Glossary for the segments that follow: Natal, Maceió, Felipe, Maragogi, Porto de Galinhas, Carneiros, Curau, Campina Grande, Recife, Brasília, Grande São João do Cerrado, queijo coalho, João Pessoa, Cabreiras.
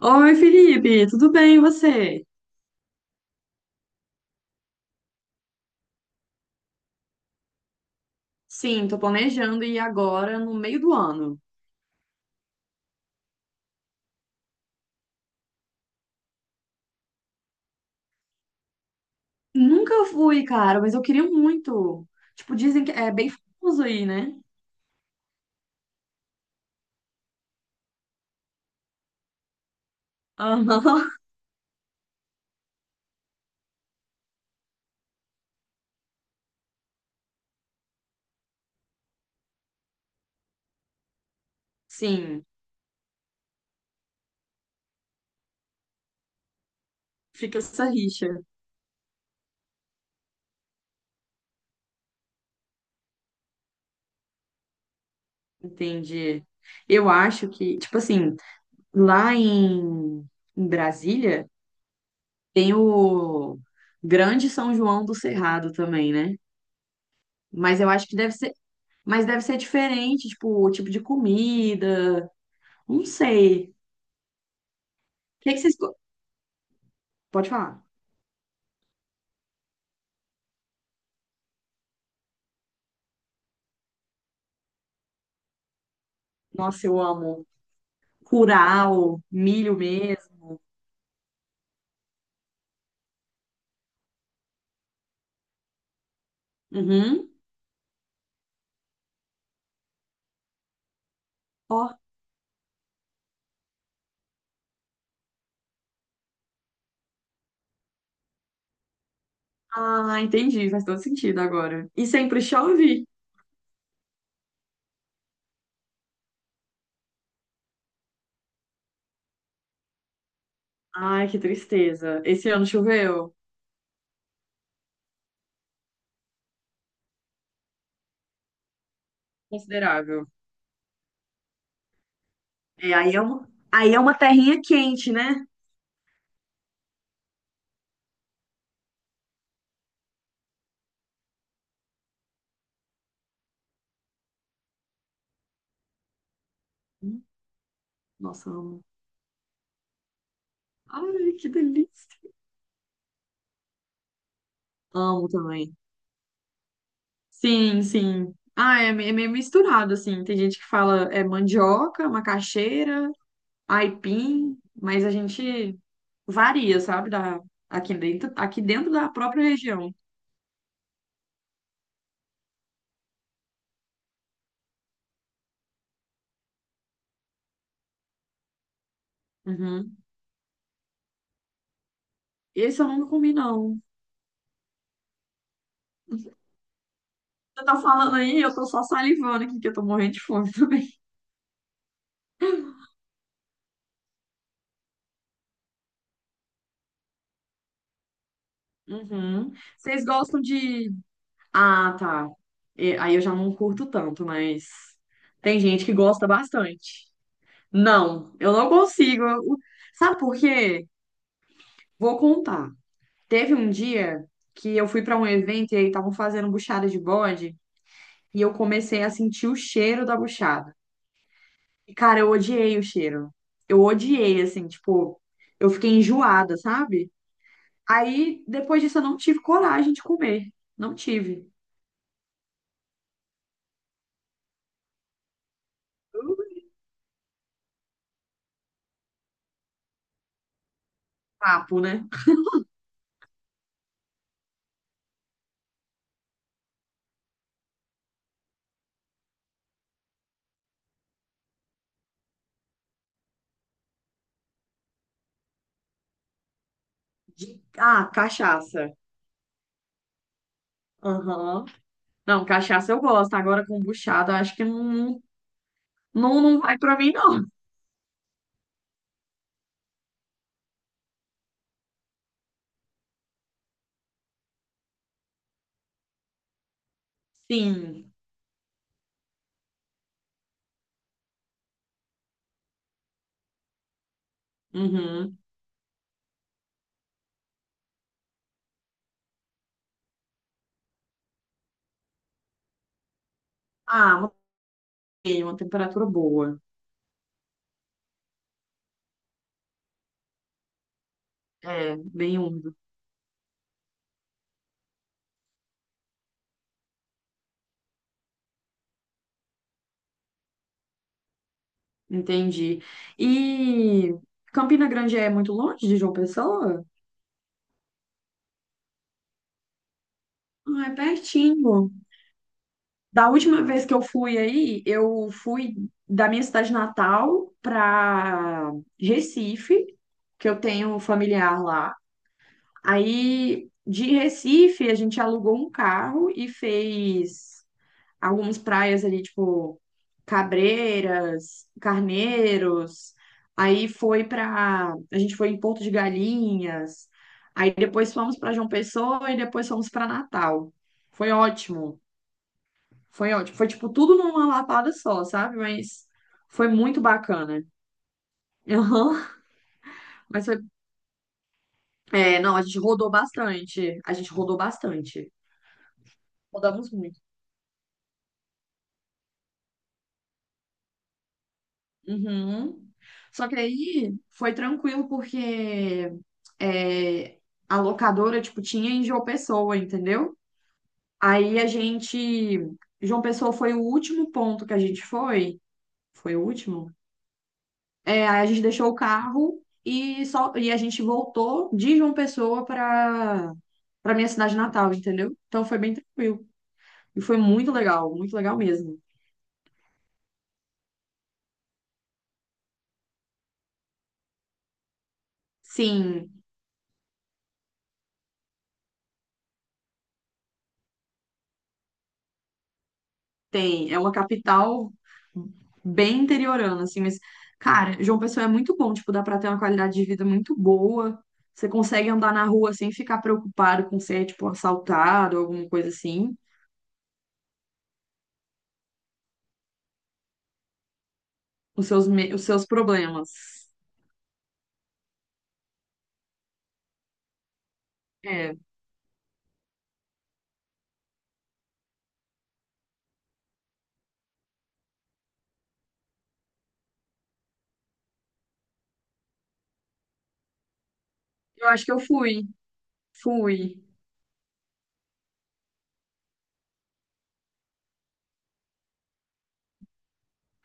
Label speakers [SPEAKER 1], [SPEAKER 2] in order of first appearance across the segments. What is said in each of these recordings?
[SPEAKER 1] Oi, Felipe, tudo bem, e você? Sim, tô planejando ir agora no meio do ano. Nunca fui, cara, mas eu queria muito. Tipo, dizem que é bem famoso aí, né? Aham. Sim, fica essa rixa. Entendi. Eu acho que, tipo assim, lá em, em Brasília tem o Grande São João do Cerrado também, né? Mas eu acho que deve ser, mas deve ser diferente, tipo, o tipo de comida, não sei. O que é que vocês. Pode falar. Nossa, eu amo. Curau, milho mesmo. Uhum. Ó. Ah, entendi. Faz todo sentido agora. E sempre chove. Ai, que tristeza. Esse ano choveu? Considerável. É, aí é uma terrinha quente, né? Hum, nossa, amo. Ai, que delícia. Amo também. Sim, sim. Ah, é meio misturado, assim. Tem gente que fala é mandioca, macaxeira, aipim, mas a gente varia, sabe? Da, aqui dentro da própria região. Uhum. Esse eu nunca comi, não. Você tá falando aí, eu tô só salivando aqui, que eu tô morrendo de fome também. Uhum. Vocês gostam de. Ah, tá. Aí eu já não curto tanto, mas tem gente que gosta bastante. Não, eu não consigo. Sabe por quê? Vou contar. Teve um dia que eu fui para um evento e aí estavam fazendo buchada de bode e eu comecei a sentir o cheiro da buchada. E, cara, eu odiei o cheiro. Eu odiei, assim, tipo, eu fiquei enjoada, sabe? Aí, depois disso, eu não tive coragem de comer. Não tive. Uh, Papo, né? De- ah, cachaça. Aham. Não, cachaça eu gosto. Agora, kombuchada, eu acho que não, não vai pra mim, não. Sim. Uhum. Ah, uma temperatura boa. É, bem úmido. Entendi. E Campina Grande é muito longe de João Pessoa? Ah, é pertinho. Da última vez que eu fui aí, eu fui da minha cidade natal para Recife, que eu tenho um familiar lá. Aí de Recife, a gente alugou um carro e fez algumas praias ali, tipo Cabreiras, Carneiros. Aí foi para, a gente foi em Porto de Galinhas. Aí depois fomos para João Pessoa e depois fomos para Natal. Foi ótimo. Foi ótimo. Foi, tipo, tudo numa lapada só, sabe? Mas foi muito bacana. Aham. Mas foi. É, não, a gente rodou bastante. A gente rodou bastante. Rodamos muito. Uhum. Só que aí foi tranquilo, porque é, a locadora, tipo, tinha em João Pessoa, entendeu? Aí a gente. João Pessoa foi o último ponto que a gente foi. Foi o último? É, aí a gente deixou o carro e só e a gente voltou de João Pessoa para minha cidade natal, entendeu? Então foi bem tranquilo e foi muito legal mesmo. Sim, tem, é uma capital bem interiorana assim, mas cara, João Pessoa é muito bom, tipo, dá para ter uma qualidade de vida muito boa. Você consegue andar na rua sem ficar preocupado com ser tipo assaltado ou alguma coisa assim, os seus problemas. É, eu acho que eu fui, fui.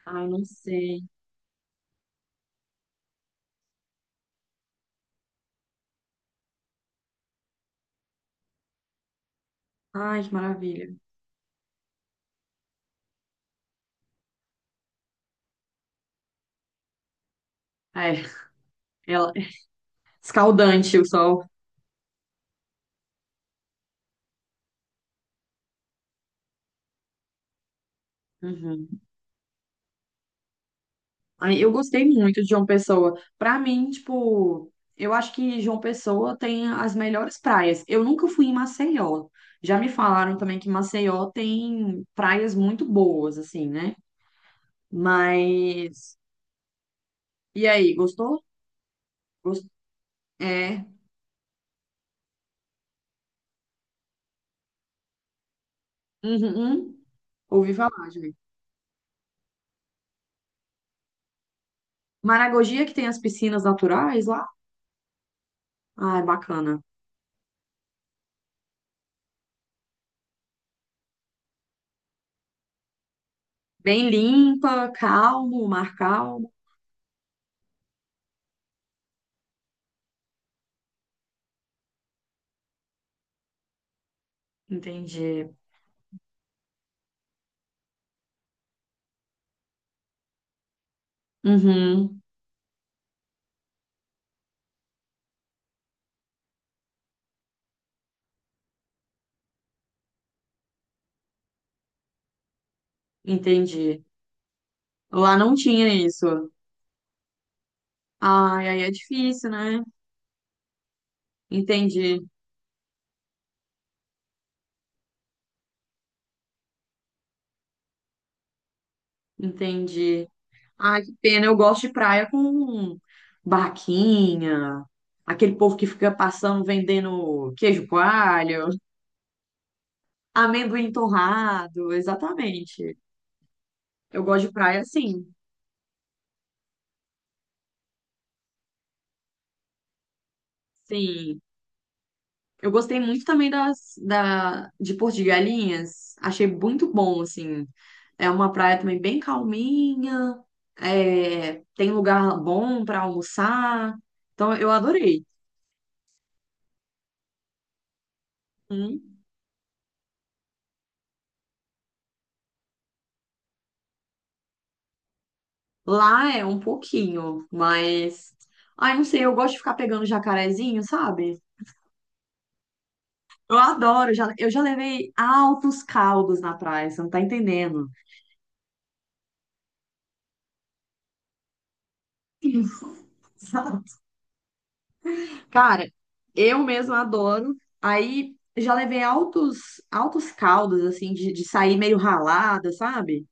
[SPEAKER 1] Ai, não sei. Ai, que maravilha. É, ela... escaldante o sol. Uhum. Ai, eu gostei muito de João Pessoa. Pra mim, tipo, eu acho que João Pessoa tem as melhores praias. Eu nunca fui em Maceió. Já me falaram também que Maceió tem praias muito boas, assim, né? Mas. E aí, gostou? Gost... É. Uhum, uhum. Ouvi falar, gente. Maragogi é que tem as piscinas naturais lá? Ai, bacana. Bem limpa, calmo, mar calmo. Entendi. Uhum, entendi. Lá não tinha isso. Ai, aí é difícil, né? Entendi, entendi. Ai, que pena. Eu gosto de praia com barraquinha, aquele povo que fica passando vendendo queijo coalho, amendoim torrado, exatamente. Eu gosto de praia assim. Sim. Eu gostei muito também de Porto de Galinhas. Achei muito bom, assim. É uma praia também bem calminha. É, tem lugar bom para almoçar. Então, eu adorei. Hum. Lá é um pouquinho, mas... Ai, não sei, eu gosto de ficar pegando jacarezinho, sabe? Eu adoro. Já, eu já levei altos caldos na praia, você não tá entendendo. Sabe? Cara, eu mesma adoro. Aí já levei altos caldos, assim, de sair meio ralada, sabe?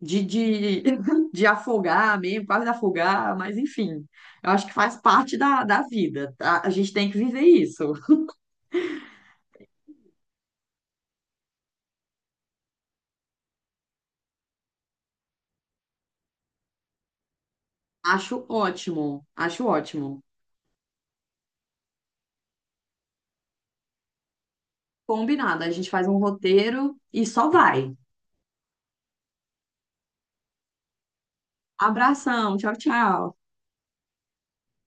[SPEAKER 1] De, de, de afogar mesmo, quase afogar, mas enfim. Eu acho que faz parte da vida, tá? A gente tem que viver isso. Acho ótimo, acho ótimo. Combinado, a gente faz um roteiro e só vai. Abração, tchau, tchau.